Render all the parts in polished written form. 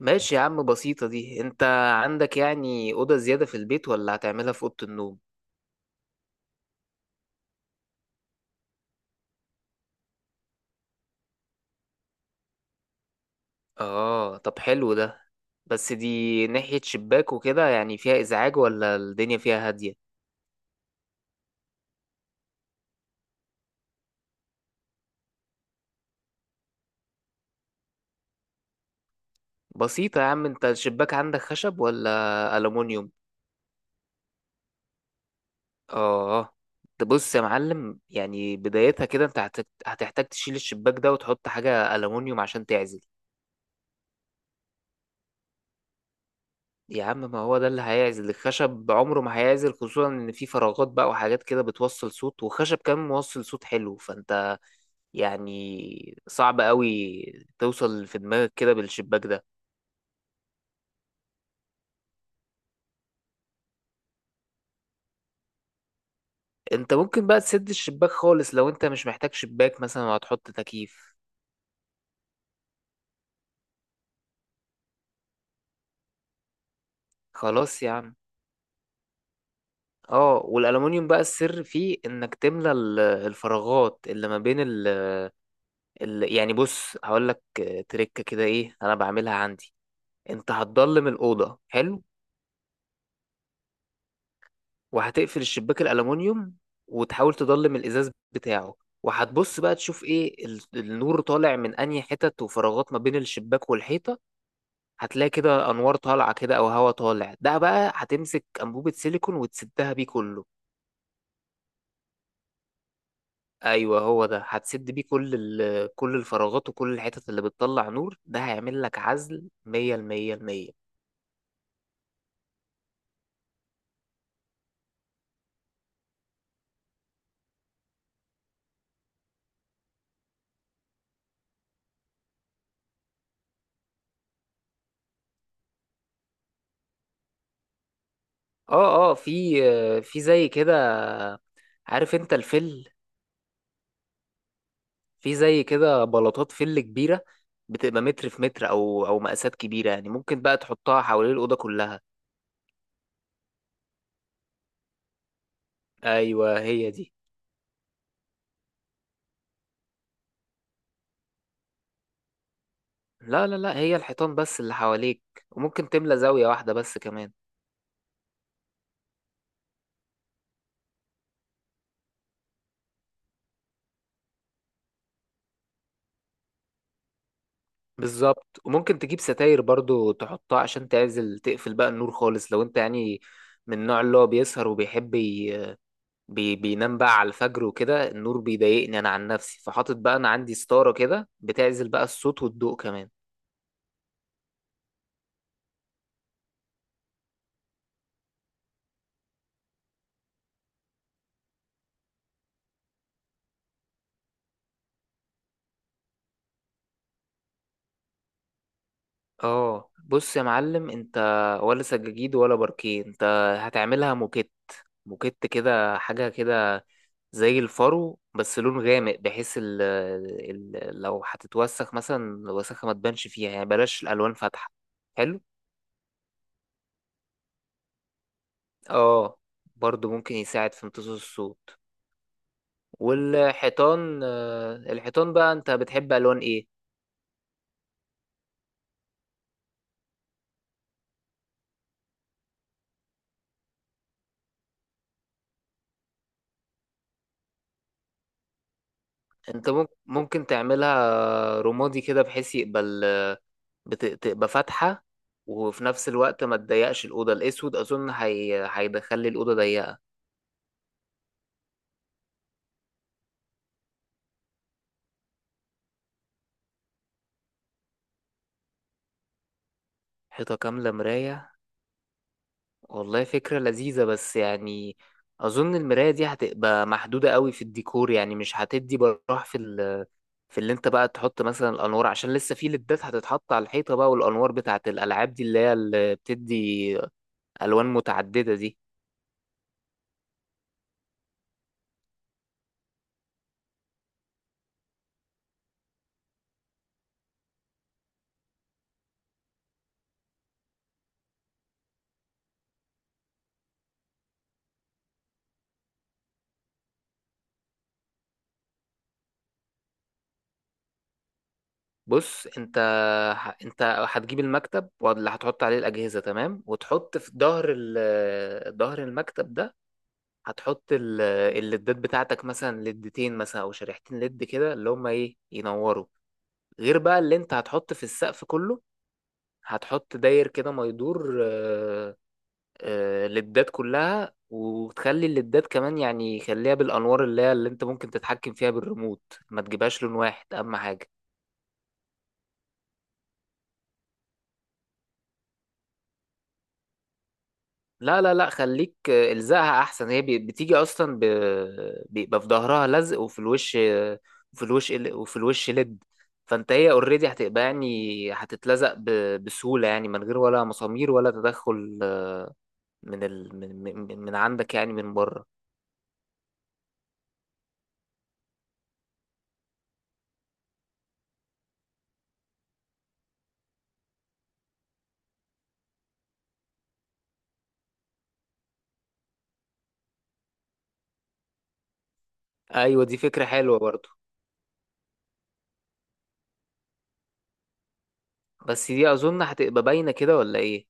ماشي يا عم، بسيطة دي. انت عندك يعني أوضة زيادة في البيت ولا هتعملها في أوضة النوم؟ اه، طب حلو ده. بس دي ناحية شباك وكده، يعني فيها إزعاج ولا الدنيا فيها هادية؟ بسيطة يا عم، انت الشباك عندك خشب ولا ألومنيوم؟ اه. تبص يا معلم، يعني بدايتها كده، انت هتحتاج تشيل الشباك ده وتحط حاجة ألومنيوم عشان تعزل. يا عم، ما هو ده اللي هيعزل. الخشب عمره ما هيعزل، خصوصا ان في فراغات بقى وحاجات كده بتوصل صوت، وخشب كمان موصل صوت حلو. فانت يعني صعب قوي توصل في دماغك كده بالشباك ده. انت ممكن بقى تسد الشباك خالص لو انت مش محتاج شباك مثلا وهتحط تكييف. خلاص يا عم. اه، والالومنيوم بقى السر فيه انك تملى الفراغات اللي ما بين يعني بص، هقول لك. تريكه كده، ايه، انا بعملها عندي. انت هتضلم الاوضه حلو، وهتقفل الشباك الالومنيوم، وتحاول تضلم الازاز بتاعه. وهتبص بقى تشوف ايه النور طالع من انهي حتت، وفراغات ما بين الشباك والحيطه. هتلاقي كده انوار طالعه كده او هوا طالع. ده بقى هتمسك انبوبه سيليكون وتسدها بيه كله. ايوه هو ده، هتسد بيه كل كل الفراغات وكل الحتت اللي بتطلع نور. ده هيعمل لك عزل 100 المية المية. اه اه، في زي كده. عارف انت الفل؟ في زي كده بلاطات فل كبيرة، بتبقى متر في متر أو مقاسات كبيرة. يعني ممكن بقى تحطها حوالين الأوضة كلها. أيوه، هي دي. لا، هي الحيطان بس اللي حواليك. وممكن تملى زاوية واحدة بس كمان. بالظبط. وممكن تجيب ستاير برضو تحطها عشان تعزل، تقفل بقى النور خالص لو انت يعني من النوع اللي هو بيسهر وبيحب بينام بقى على الفجر وكده. النور بيضايقني انا عن نفسي، فحاطط بقى انا عندي ستارة كده بتعزل بقى الصوت والضوء كمان. اه، بص يا معلم، انت ولا سجاجيد ولا باركيه. انت هتعملها موكيت. موكيت كده، حاجة كده زي الفرو، بس لون غامق، بحيث ال لو هتتوسخ مثلا الوسخة ما تبانش فيها. يعني بلاش الألوان فاتحة. حلو. اه، برضو ممكن يساعد في امتصاص الصوت. والحيطان، الحيطان بقى، انت بتحب ألوان ايه؟ انت ممكن تعملها رمادي كده، بحيث يقبل، بتبقى فاتحة، وفي نفس الوقت ما تضيقش الأوضة. الأسود أظن هيدخلي الأوضة ضيقة. حيطة كاملة مراية؟ والله فكرة لذيذة، بس يعني أظن المراية دي هتبقى محدودة قوي في الديكور. يعني مش هتدي براح في في اللي انت بقى تحط مثلا الأنوار، عشان لسه في ليدات هتتحط على الحيطة بقى، والأنوار بتاعت الألعاب دي اللي هي اللي بتدي ألوان متعددة دي. بص انت، انت هتجيب المكتب واللي هتحط عليه الاجهزه، تمام، وتحط في ظهر ظهر المكتب ده. هتحط الليدات بتاعتك، مثلا ليدتين مثلا او شريحتين ليد كده، اللي هما ايه، ينوروا. غير بقى اللي انت هتحط في السقف كله. هتحط داير كده ما يدور، ليدات كلها. وتخلي الليدات كمان، يعني خليها بالانوار اللي هي اللي انت ممكن تتحكم فيها بالريموت. ما تجيبهاش لون واحد، اهم حاجه. لا، خليك، الزقها احسن. هي بتيجي اصلا بيبقى في ظهرها لزق، وفي الوش، وفي الوش وفي الوش لد. فانت هي اوريدي هتبقى يعني هتتلزق بسهولة، يعني من غير ولا مسامير ولا تدخل، من من عندك، يعني من بره. ايوه، دي فكرة حلوة برضو. بس دي اظن هتبقى باينة كده ولا ايه؟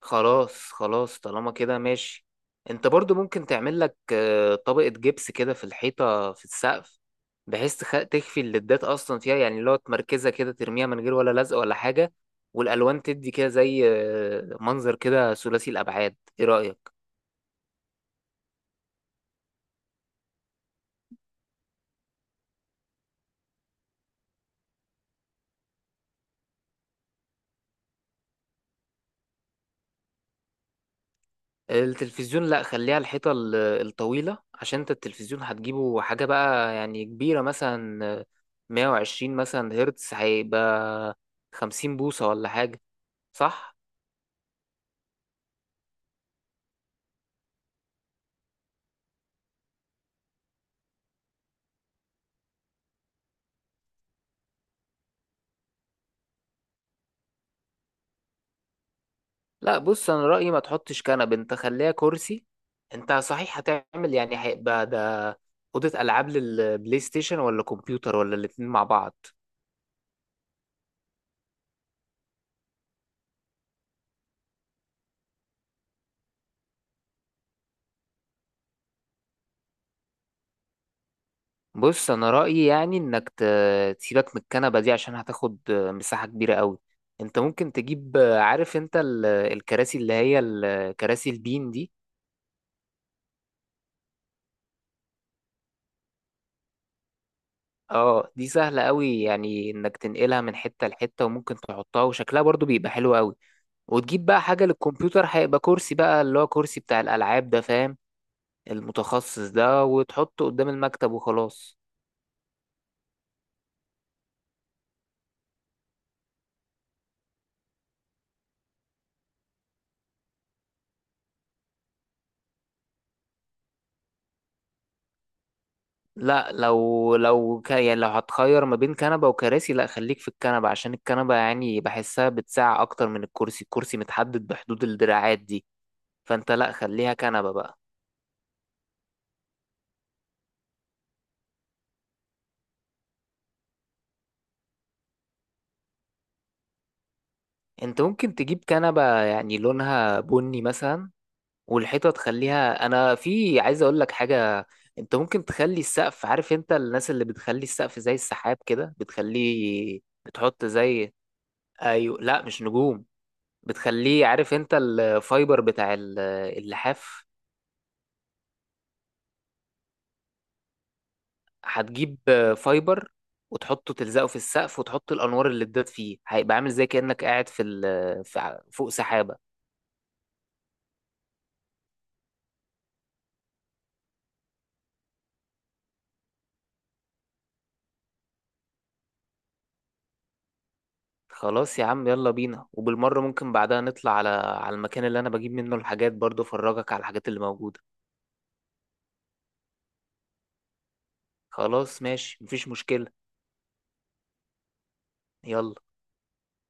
خلاص، طالما كده ماشي. انت برضو ممكن تعمل لك طبقة جبس كده في الحيطة في السقف، بحيث تخفي الليدات اصلا فيها. يعني اللي هو تمركزها كده، ترميها من غير ولا لزق ولا حاجة. والالوان تدي كده زي منظر كده ثلاثي الابعاد. ايه رأيك؟ التلفزيون، لا خليها الحيطة الطويلة، عشان انت التلفزيون هتجيبه حاجة بقى يعني كبيرة، مثلا 120 مثلا هرتز، هيبقى 50 بوصة ولا حاجة. صح؟ لا، بص انا رأيي ما تحطش كنب، انت خليها كرسي. انت صحيح هتعمل يعني، هيبقى ده أوضة ألعاب للبلاي ستيشن ولا كمبيوتر ولا الاتنين مع بعض؟ بص انا رأيي، يعني انك تسيبك من الكنبة دي عشان هتاخد مساحة كبيرة قوي. انت ممكن تجيب، عارف انت الكراسي اللي هي الكراسي البين دي. اه، دي سهلة قوي يعني، انك تنقلها من حتة لحتة، وممكن تحطها وشكلها برضو بيبقى حلو قوي. وتجيب بقى حاجة للكمبيوتر، هيبقى كرسي بقى اللي هو كرسي بتاع الألعاب ده، فاهم، المتخصص ده، وتحطه قدام المكتب وخلاص. لا، لو يعني لو هتخير ما بين كنبة وكراسي، لا خليك في الكنبة، عشان الكنبة يعني بحسها بتساع أكتر من الكرسي. الكرسي متحدد بحدود الدراعات دي. فأنت لا، خليها كنبة بقى. أنت ممكن تجيب كنبة يعني لونها بني مثلا. والحيطه تخليها، انا في عايز اقول لك حاجه. انت ممكن تخلي السقف، عارف انت الناس اللي بتخلي السقف زي السحاب كده، بتخليه. بتحط زي، ايوه لا مش نجوم. بتخليه، عارف انت الفايبر بتاع اللحاف. هتجيب فايبر وتحطه، تلزقه في السقف، وتحط الانوار اللي اتداد فيه، هيبقى عامل زي كانك قاعد في فوق سحابه. خلاص يا عم، يلا بينا. وبالمره ممكن بعدها نطلع على المكان اللي انا بجيب منه الحاجات برضه، افرجك على الحاجات اللي موجوده. خلاص ماشي، مفيش مشكلة. يلا.